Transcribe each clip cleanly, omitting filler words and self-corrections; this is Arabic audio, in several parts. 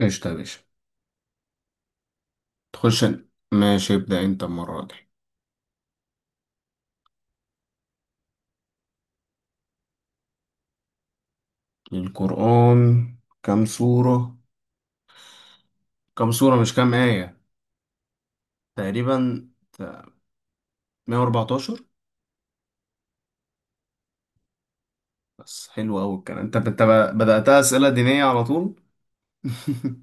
قشطة يا باشا. تخش أنا. ماشي ابدأ أنت المرة دي. القرآن، كم سورة؟ كم سورة مش كم آية. تقريبا 114. بس حلو أوي الكلام. أنت بدأتها أسئلة دينية على طول.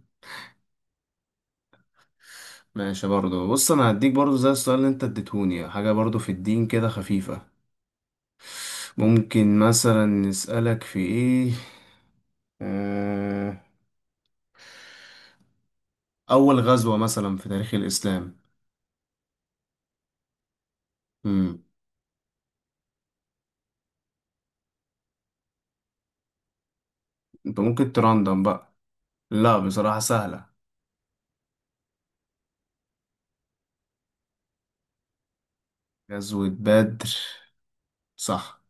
ماشي برضو، بص أنا هديك برضو زي السؤال اللي أنت اديتهوني، حاجة برضو في الدين كده خفيفة. ممكن مثلا نسألك في إيه. آه، أول غزوة مثلا في تاريخ الإسلام. مم. أنت ممكن تراندم بقى. لا بصراحة سهلة، غزوة بدر. صح.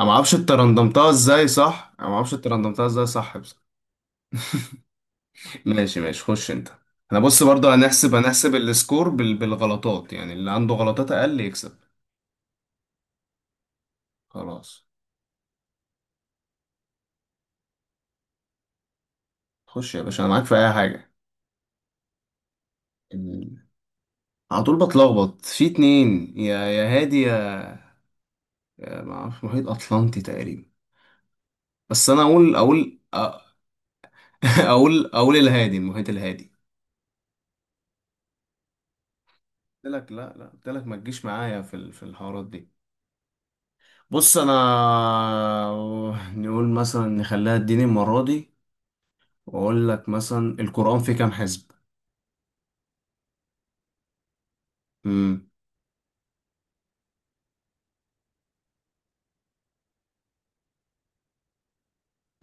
انا ما اعرفش انت رندمتها ازاي، صح انا ما اعرفش انت رندمتها ازاي، صح بس. ماشي ماشي، خش انت. انا بص برضه، هنحسب السكور بالغلطات، يعني اللي عنده غلطات اقل يكسب. خلاص، خش يا باشا انا معاك في اي حاجة. ال- على طول بتلخبط في اتنين، يا هادي يا ما اعرفش، محيط اطلنطي تقريبا. بس انا اقول الهادي، المحيط الهادي. قلت لك، لا لا، قلت لك ما تجيش معايا في الحوارات دي. بص انا نقول مثلا نخليها الدين المره دي، واقول لك مثلا القران فيه كام حزب. امم.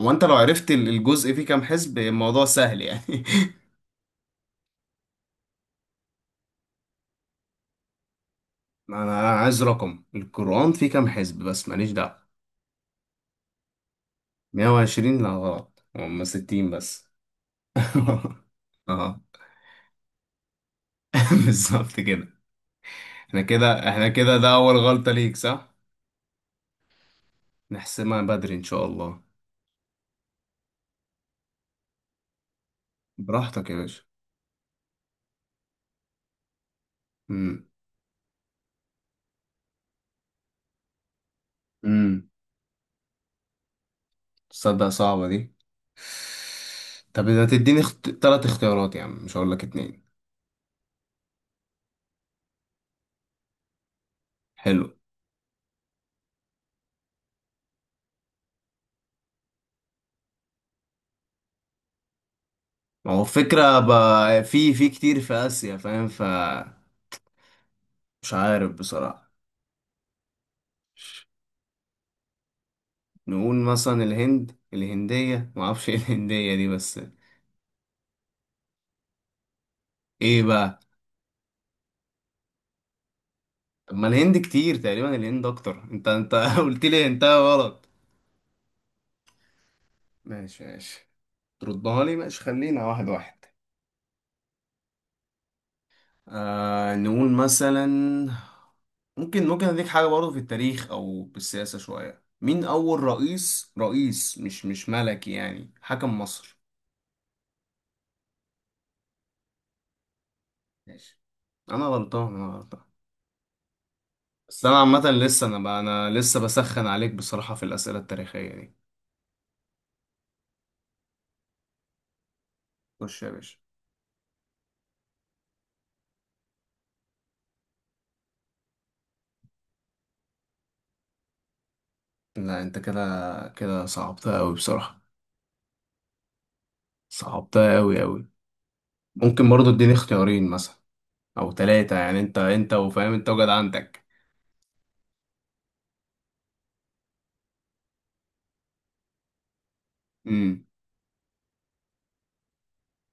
وانت لو عرفت الجزء فيه كام حزب الموضوع سهل يعني. انا عايز رقم، القران فيه كام حزب بس ماليش دعوه. 120 لا غلط، هم 60 بس. اه. بالظبط كده. احنا كده ده اول غلطه ليك، صح. نحسمها بدري ان شاء الله. براحتك يا باشا. امم. تصدق صعبة دي. طب إذا تديني تلات اختيارات يا عم، مش هقول لك اتنين. حلو. ما هو الفكرة بقى، في كتير في آسيا فاهم ف. مش عارف بصراحة. نقول مثلا الهند، الهندية ما اعرفش ايه الهندية دي بس. ايه بقى. طب ما الهند كتير، تقريبا الهند اكتر. انت قلت لي انت غلط. ماشي ماشي، تردها لي. ماشي خلينا واحد واحد. آه نقول مثلا، ممكن اديك حاجة برضه في التاريخ او بالسياسة شوية، مين اول رئيس مش ملكي يعني حكم مصر. ماشي. انا غلطان انا غلطان. بس انا عامة لسه، انا بقى انا لسه بسخن عليك بصراحة في الأسئلة التاريخية دي. خش يا باشا. لا انت كده، كده صعبتها قوي بصراحة. صعبتها قوي قوي. ممكن برضه اديني اختيارين مثلا او ثلاثة يعني، انت وفاهم انت وجد عندك.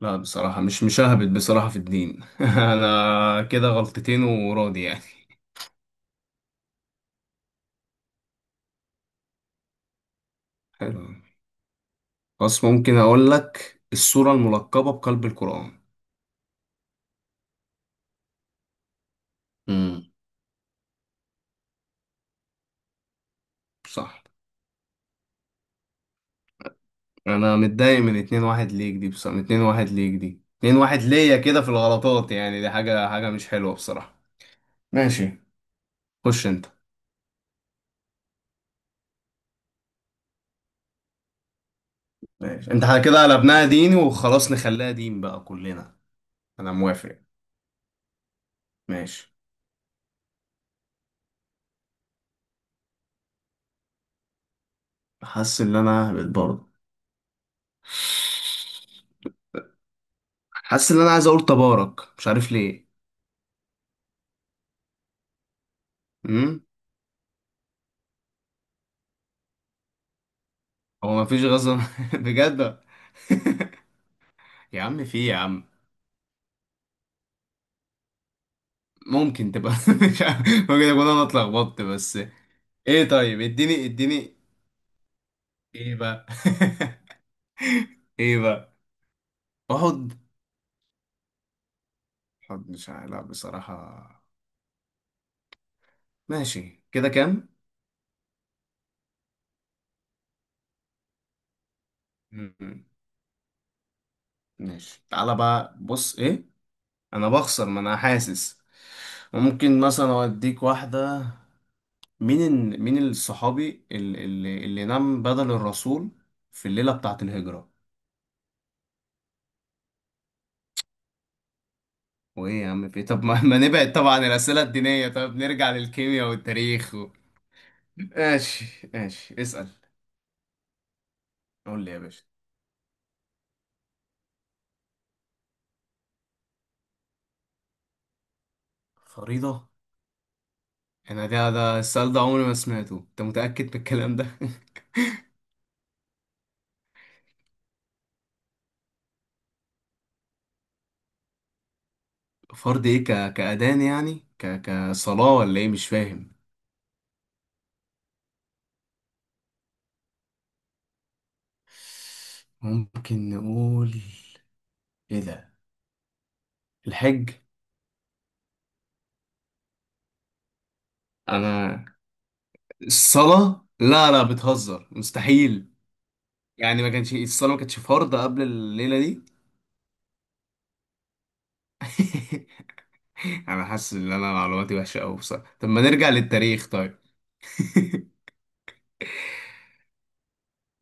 لا بصراحة مش مشاهبت بصراحة في الدين. أنا كده غلطتين وراضي يعني. حلو. بس ممكن أقول لك السورة الملقبة بقلب القرآن. امم. صح. أنا متضايق من اتنين واحد ليك دي بصراحة، من اتنين واحد ليك دي اتنين واحد ليا كده في الغلطات، يعني دي حاجة مش حلوة بصراحة. ماشي، خش أنت. ماشي أنت كده قلبناها ديني، وخلاص نخليها دين بقى كلنا. أنا موافق. ماشي. حاسس إن أنا هبت برضه. حاسس ان انا عايز اقول تبارك، مش عارف ليه. امم. هو ما فيش غزل بجد. يا عم في يا عم. ممكن تبقى مش عارف، ممكن اكون انا اتلخبطت بس. ايه طيب، اديني اديني. ايه بقى. ايه بقى. احد. احد مش عارف لا بصراحة. ماشي كده كام. مم. ماشي تعالى بقى، بص ايه. انا بخسر ما انا حاسس. ممكن مثلا اوديك واحدة. مين مين الصحابي اللي نام بدل الرسول في الليلة بتاعة الهجرة. وايه يا عم في إيه؟ طب ما نبعد طبعا عن الأسئلة الدينية، طب نرجع للكيمياء والتاريخ و... ماشي ماشي اسأل. قول لي يا باشا. فريضة. انا ده السؤال ده عمري ما سمعته، انت متأكد من الكلام ده. فرض ايه، كأذان يعني كصلاة ولا ايه مش فاهم. ممكن نقول ايه ده، الحج. انا الصلاة؟ لا لا بتهزر مستحيل. يعني ما كانش الصلاة ما كانتش فرض قبل الليلة دي. انا حاسس ان انا معلوماتي وحشة قوي بصراحة، طب ما نرجع للتاريخ طيب.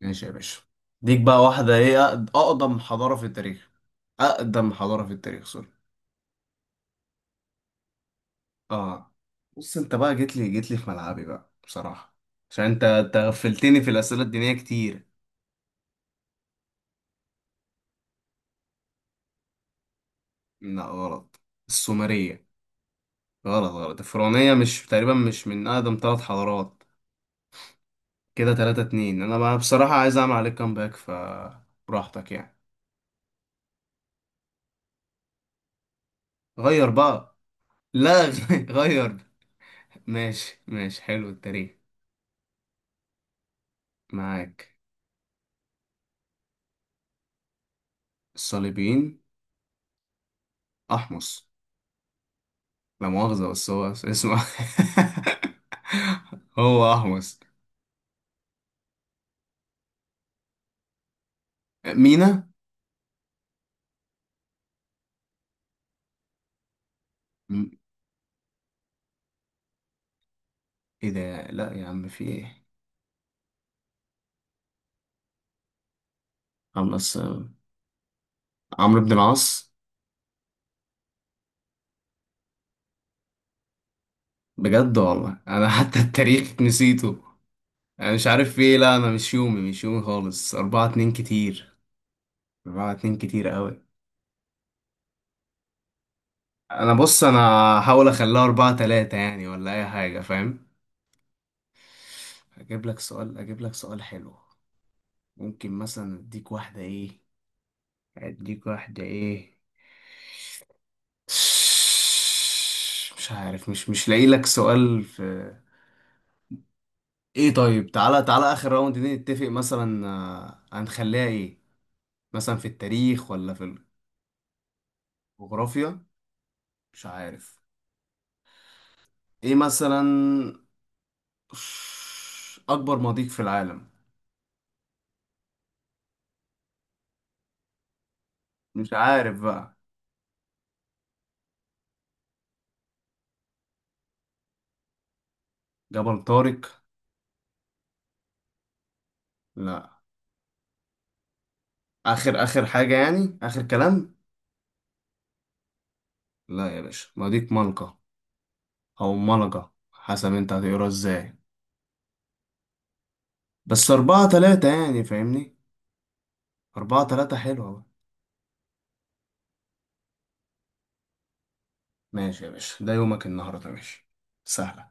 ماشي يا باشا. ديك بقى واحدة ايه، اقدم حضارة في التاريخ، اقدم حضارة في التاريخ، سوري. اه. بص انت بقى جيت لي في ملعبي بقى بصراحة، عشان انت غفلتني في الأسئلة الدينية كتير. لا غلط. السومرية. غلط. غلط الفرعونية مش تقريبا مش من اقدم ثلاث حضارات. كده تلاتة اتنين، انا بقى بصراحة عايز اعمل عليك كامباك فبراحتك يعني. غير بقى. لا. غير. ماشي ماشي، حلو التاريخ. معاك. الصليبيين. احمس، لا مؤاخذة بس هو اسمه. هو احمس. مينا. م-. ايه ده، لا يا عم في ايه. عمرو بس، عمرو بن العاص. بجد والله انا حتى التاريخ نسيته. انا مش عارف في ايه، لا انا مش يومي مش يومي خالص، اربعة اتنين كتير. أربعة اتنين كتير قوي. أنا هحاول أخليها أربعة تلاتة يعني ولا أي حاجة فاهم. أجيب لك سؤال حلو. ممكن مثلا أديك واحدة إيه. مش عارف، مش لاقي لك سؤال في. إيه طيب، تعالى آخر راوند دي نتفق مثلا، هنخليها إيه مثلا، في التاريخ ولا في الجغرافيا. مش عارف. إيه مثلا. أكبر مضيق في العالم. مش عارف بقى. جبل طارق. لا. اخر اخر حاجه يعني اخر كلام. لا يا باشا مضيق ملقا، او ملقا حسب انت هتقرا ازاي. بس اربعة تلاتة يعني فاهمني. اربعة تلاتة حلوة بقى. ماشي يا باشا ده يومك النهاردة ماشي. سهلة